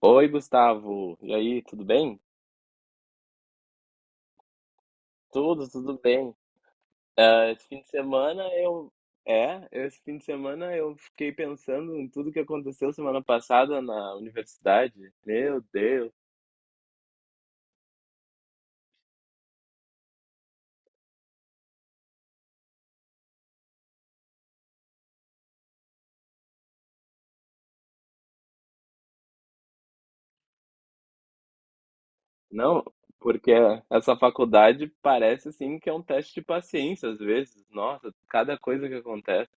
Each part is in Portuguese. Oi, Gustavo. E aí, tudo bem? Tudo, tudo bem. Ah, esse fim de semana eu. É, esse fim de semana eu fiquei pensando em tudo que aconteceu semana passada na universidade. Meu Deus. Não, porque essa faculdade parece assim que é um teste de paciência às vezes. Nossa, cada coisa que acontece.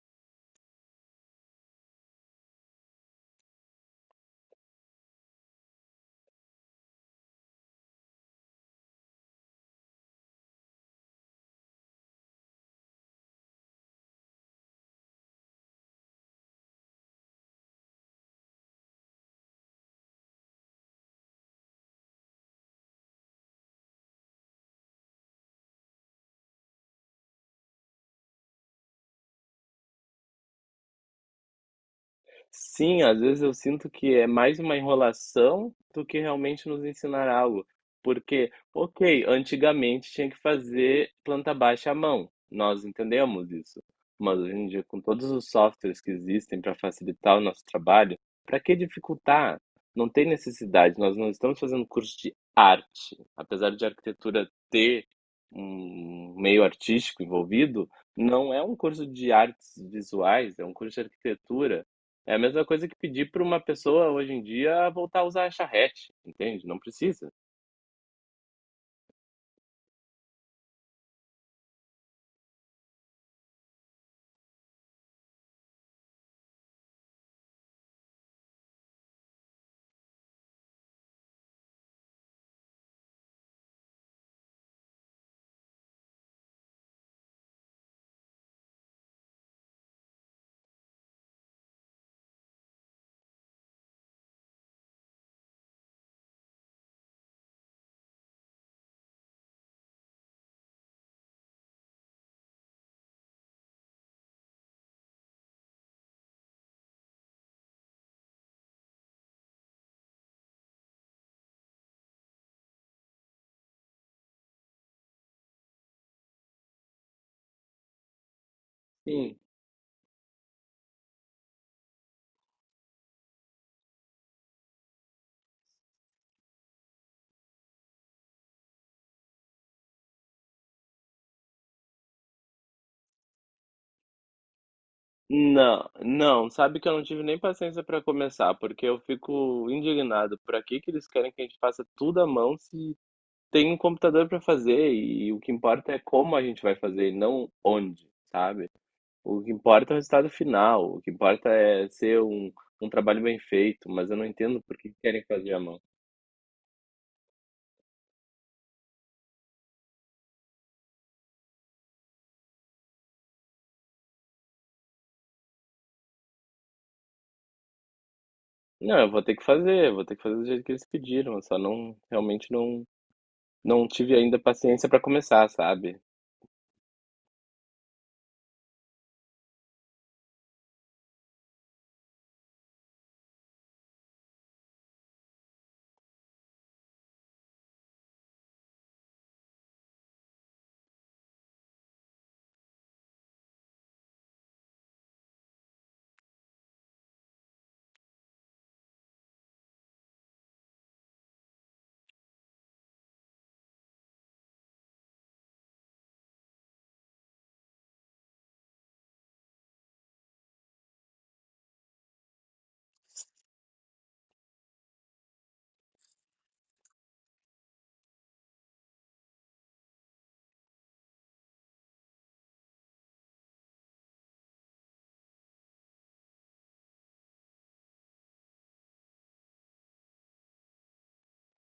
Sim, às vezes eu sinto que é mais uma enrolação do que realmente nos ensinar algo. Porque, ok, antigamente tinha que fazer planta baixa à mão, nós entendemos isso. Mas hoje em dia, com todos os softwares que existem para facilitar o nosso trabalho, para que dificultar? Não tem necessidade, nós não estamos fazendo curso de arte. Apesar de arquitetura ter um meio artístico envolvido, não é um curso de artes visuais, é um curso de arquitetura. É a mesma coisa que pedir para uma pessoa hoje em dia voltar a usar a charrete, entende? Não precisa. Sim. Não, não, sabe que eu não tive nem paciência para começar, porque eu fico indignado por aqui que eles querem que a gente faça tudo à mão se tem um computador para fazer e o que importa é como a gente vai fazer e não onde, sabe? O que importa é o resultado final, o que importa é ser um trabalho bem feito, mas eu não entendo por que querem fazer à mão. Não, eu vou ter que fazer, vou ter que fazer do jeito que eles pediram, eu só não, realmente não tive ainda paciência para começar, sabe?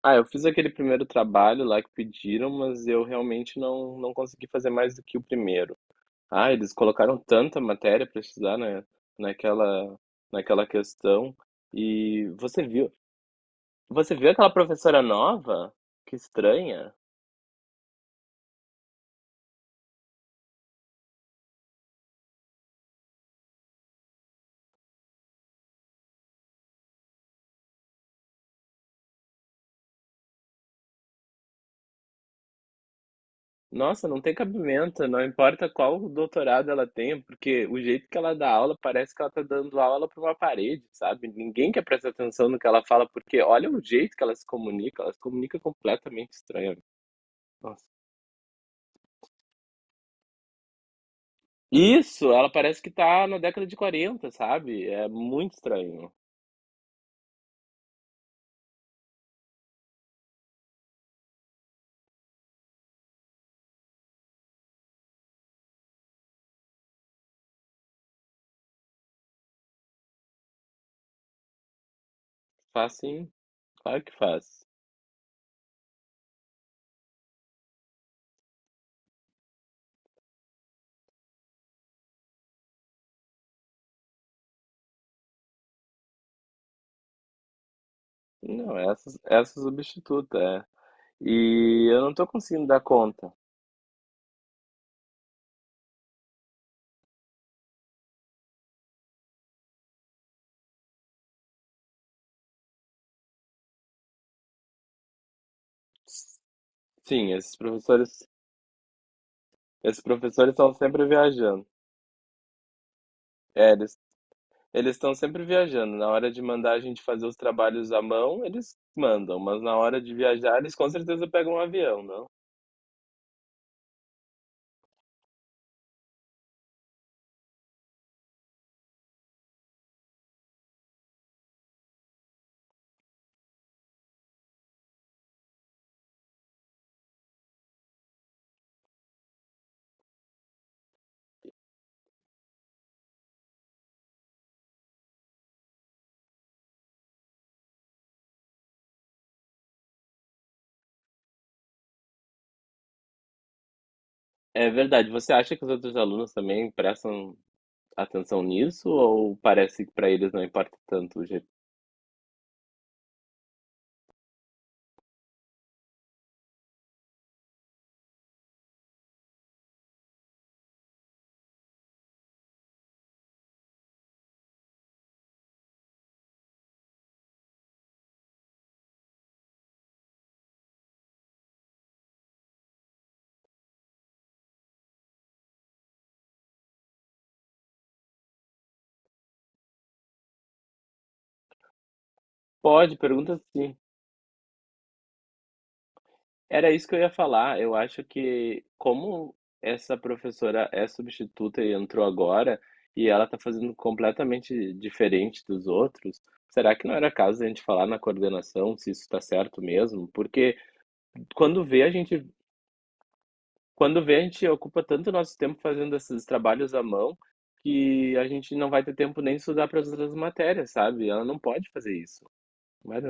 Ah, eu fiz aquele primeiro trabalho lá que pediram, mas eu realmente não consegui fazer mais do que o primeiro. Ah, eles colocaram tanta matéria para estudar naquela naquela, questão. E você viu aquela professora nova? Que estranha. Nossa, não tem cabimento, não importa qual doutorado ela tenha, porque o jeito que ela dá aula parece que ela tá dando aula para uma parede, sabe? Ninguém quer prestar atenção no que ela fala, porque olha o jeito que ela se comunica completamente estranha. Nossa. Isso, ela parece que tá na década de 40, sabe? É muito estranho. Faz sim, claro que faz. Não, essa substituta, é. E eu não tô conseguindo dar conta. Sim, esses professores estão sempre viajando. É, eles Eles estão sempre viajando. Na hora de mandar a gente fazer os trabalhos à mão, eles mandam, mas na hora de viajar, eles com certeza pegam um avião, não? É verdade. Você acha que os outros alunos também prestam atenção nisso ou parece que para eles não importa tanto o jeito? Pode, pergunta sim. Era isso que eu ia falar. Eu acho que como essa professora é substituta e entrou agora, e ela está fazendo completamente diferente dos outros, será que não era caso de a gente falar na coordenação se isso está certo mesmo? Porque quando vê a gente, quando vê a gente ocupa tanto nosso tempo fazendo esses trabalhos à mão que a gente não vai ter tempo nem de estudar para as outras matérias, sabe? Ela não pode fazer isso. Mas,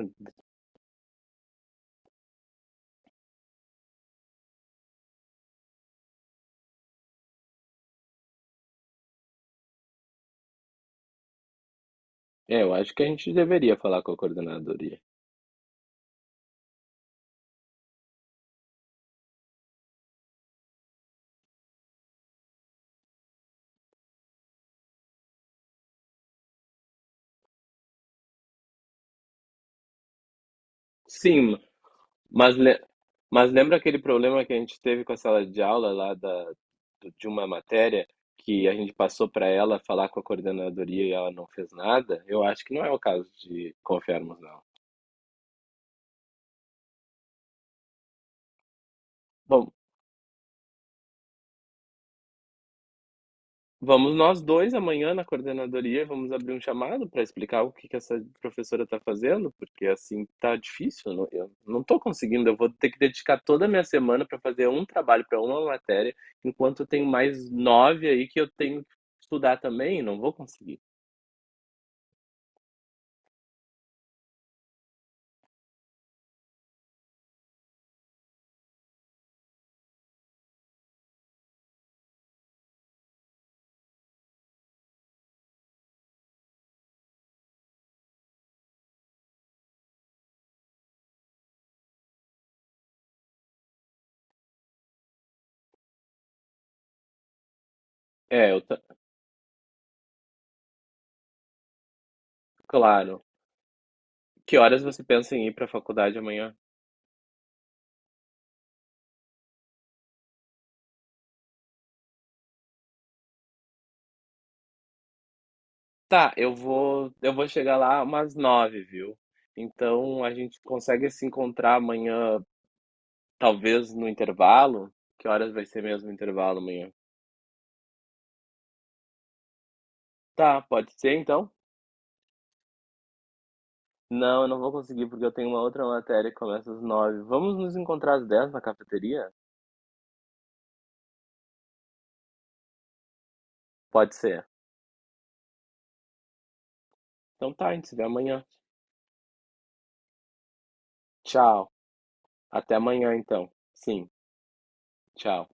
eu acho que a gente deveria falar com a coordenadoria. Sim. Mas, le- mas lembra aquele problema que a gente teve com a sala de aula lá de uma matéria que a gente passou para ela falar com a coordenadoria e ela não fez nada? Eu acho que não é o caso de confiarmos, não. Bom, vamos nós dois amanhã na coordenadoria, vamos abrir um chamado para explicar o que que essa professora está fazendo, porque assim tá difícil, não- eu não estou conseguindo, eu vou ter que dedicar toda a minha semana para fazer um trabalho para uma matéria, enquanto eu tenho mais nove aí que eu tenho que estudar também, não vou conseguir. É, eu ta- Claro. Que horas você pensa em ir para a faculdade amanhã? Tá, eu vou chegar lá umas 9h, viu? Então a gente consegue se encontrar amanhã, talvez no intervalo? Que horas vai ser mesmo o intervalo amanhã? Tá, pode ser então? Não, eu não vou conseguir porque eu tenho uma outra matéria que começa às 9h. Vamos nos encontrar às 10h na cafeteria? Pode ser. Então tá, a gente se vê amanhã. Tchau. Até amanhã então. Sim, tchau.